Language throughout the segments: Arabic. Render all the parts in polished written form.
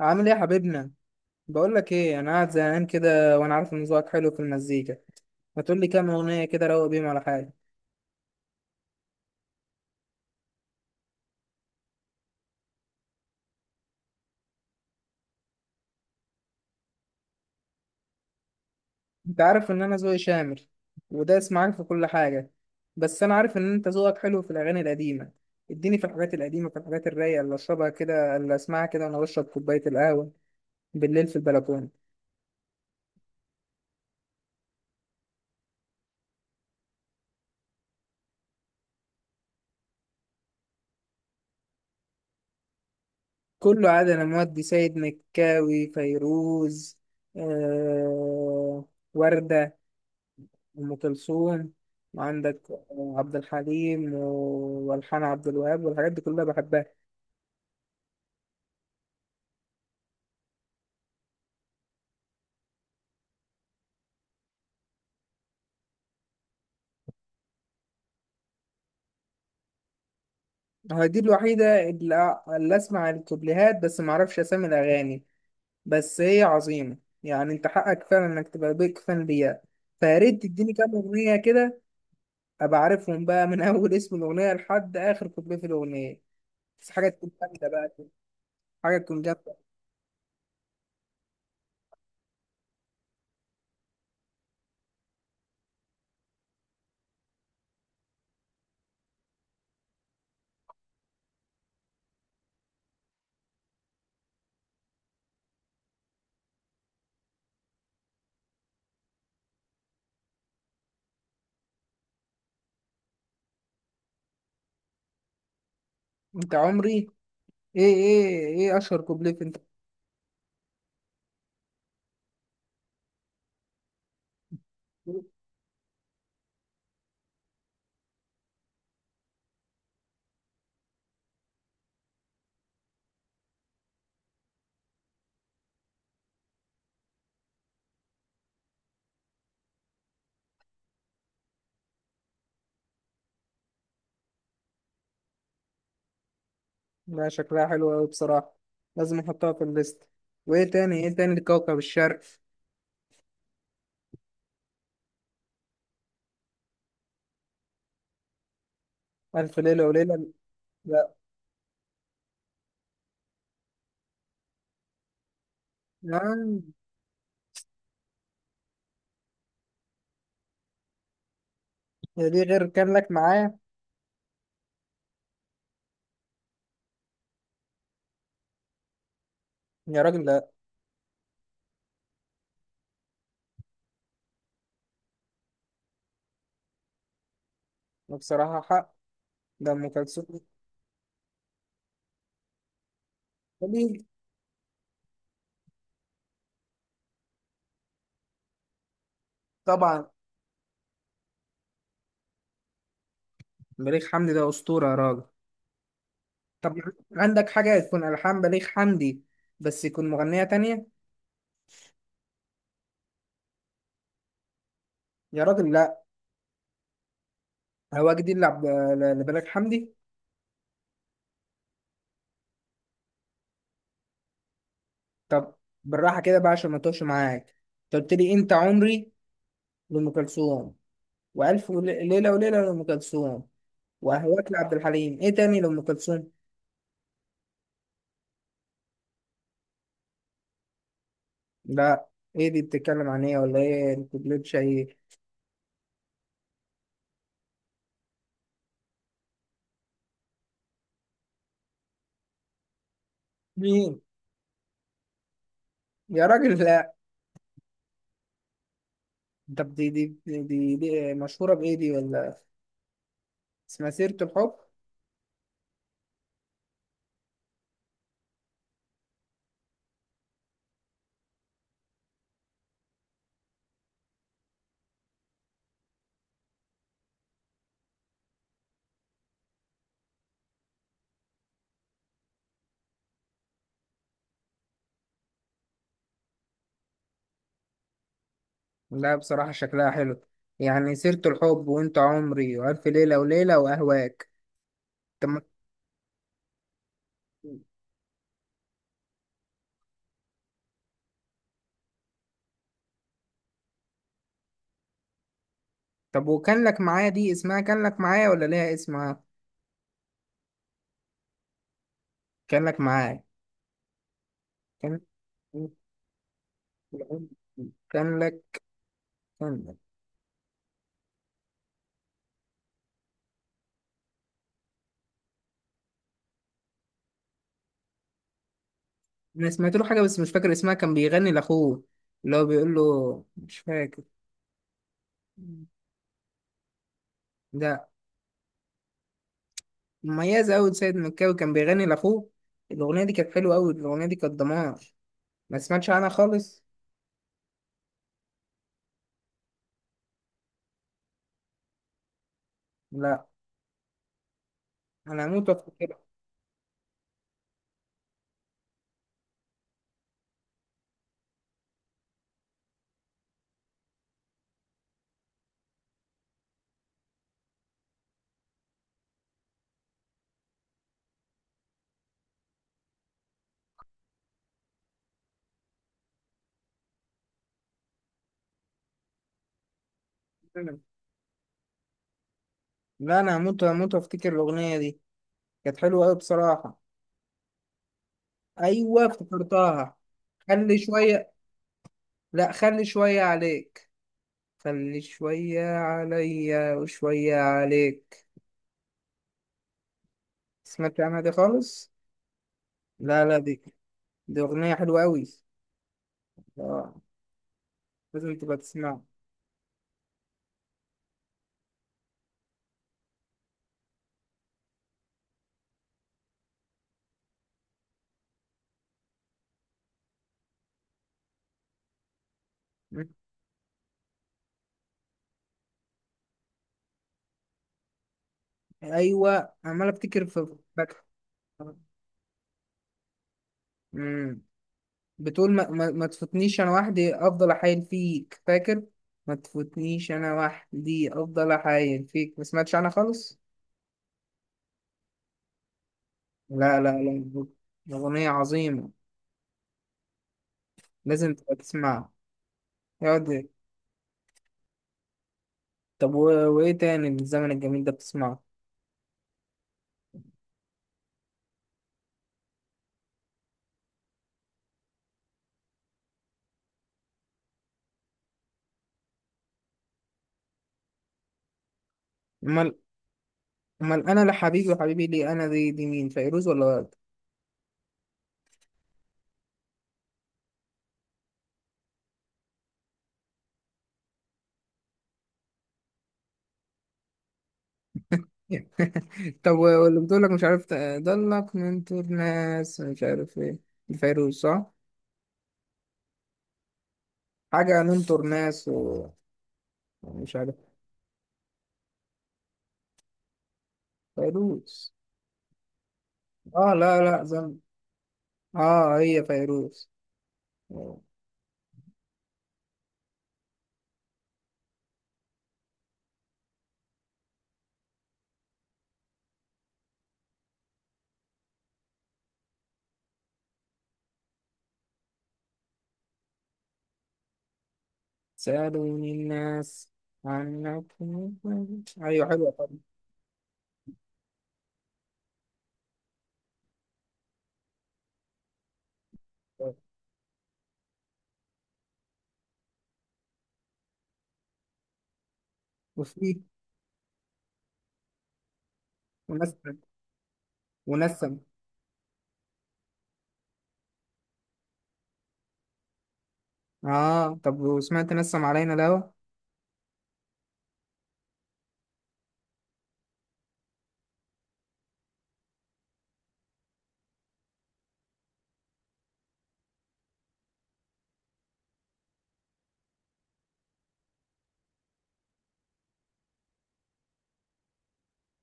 عامل ايه يا حبيبنا؟ بقول لك ايه، انا قاعد زهقان كده وانا عارف ان ذوقك حلو في المزيكا. ما تقول لي كام اغنيه كده روق بيهم على حاجه. انت عارف ان انا ذوقي شامل ودايس معاك في كل حاجه. بس انا عارف ان انت ذوقك حلو في الاغاني القديمه. اديني في الحاجات القديمه، في الحاجات الرايقه اللي اشربها كده، اللي اسمعها كده وانا بشرب كوبايه القهوه بالليل في البلكونه. كله عاد انا مودي سيد مكاوي، فيروز، آه... وردة، أم كلثوم. وعندك عبد الحليم والحان عبد الوهاب والحاجات دي كلها بحبها. هي دي الوحيدة اللي أسمع الكوبليهات، بس معرفش أسامي الأغاني. بس هي عظيمة. يعني أنت حقك فعلا إنك تبقى بيك فان ليها. فياريت تديني كام أغنية كده أبقى عارفهم بقى من أول اسم الأغنية لحد آخر كوبليه في الأغنية. بس حاجة تكون جامدة بقى كده، حاجة تكون جامدة. أنت عمري. إيه أشهر كوبليه في أنت. لا، شكلها حلو أوي بصراحة. لازم نحطها في الليست. وإيه تاني، إيه تاني لكوكب الشرق؟ ألف ليلة وليلة. لا. آه، هي دي غير كان لك معايا؟ يا راجل لا. بصراحة حق. ده أم كلثوم. بليغ. طبعا. بليغ حمدي ده أسطورة يا راجل. طب، عندك حاجة تكون ألحان بليغ حمدي بس يكون مغنية تانية؟ يا راجل لا. هواك دي اللي لبليغ حمدي. طب، بالراحة كده بقى عشان ما توش معاك. أنت قلت لي أنت عمري لأم كلثوم، وألف ليلة وليلة لأم كلثوم، وأهواك لعبد الحليم. إيه تاني لأم كلثوم؟ لا. إيه دي بتتكلم عن إيه؟ ولا إيه الكوبليتش إيه؟ مين؟ يا راجل لا. طب دي مشهورة بإيه دي؟ ولا اسمها سيرة الحب؟ لا بصراحة شكلها حلو. يعني سيرة الحب وأنت عمري وألف ليلة وليلة وأهواك. طب طب وكان لك معايا دي اسمها كان لك معايا ولا ليها اسمها؟ كان لك معايا. كان كان لك، كان. انا سمعت له حاجه بس مش فاكر اسمها، كان بيغني لاخوه، اللي هو بيقول له مش فاكر. ده مميز قوي سيد مكاوي، كان بيغني لاخوه. الاغنيه دي كانت حلوه قوي، الاغنيه دي كانت دمار. ما سمعتش عنها خالص. لا، انا هموت وافتكر. لا، انا هموت وافتكر الاغنيه دي. كانت حلوه قوي بصراحه. ايوه افتكرتها. خلي شويه. لا، خلي شويه عليك. خلي شويه عليا وشويه عليك. سمعت عنها دي خالص. لا، لا، دي أغنية حلوة أوي. آه. لازم تبقى تسمعها. مم. أيوة، عمال أفتكر، في فاكر. مم. بتقول ما تفوتنيش أنا وحدي أفضل أحايل فيك، فاكر؟ ما تفوتنيش أنا وحدي أفضل أحايل فيك. ما سمعتش عنها خالص. لا، لا، لا، أغنية عظيمة. لازم تبقى تسمعها. يقعد. طب وإيه تاني من الزمن الجميل ده بتسمعه؟ أمال. أمال أنا لحبيبي وحبيبي ليه، أنا دي مين، فيروز ولا؟ طب واللي بتقول لك مش عارف ضلك ننطر ناس مش عارف ايه، الفيروز صح؟ حاجة ننطر ناس ومش عارف. فيروز. اه، لا زم. اه، هي فيروز. سألوني الناس عنكم. ايوه حلوة طبعا. وفي. ونسم ونسم. اه، طب وسمعت نسم علينا الهوا؟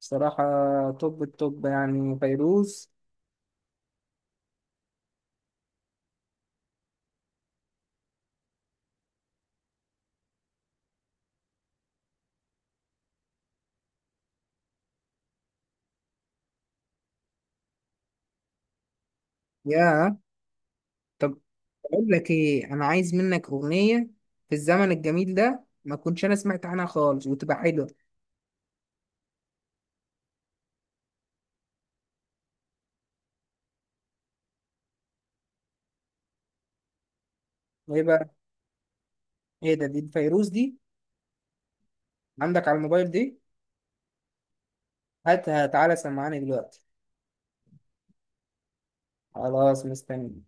بصراحة توب التوب يعني فيروز. يا طب اقول لك ايه، انا عايز منك اغنيه في الزمن الجميل ده ما كنتش انا سمعت عنها خالص وتبقى حلوه. ايه بقى؟ ايه ده، دي الفيروز دي؟ عندك على الموبايل دي؟ هاتها تعالى سمعاني دلوقتي. خلاص، مستني.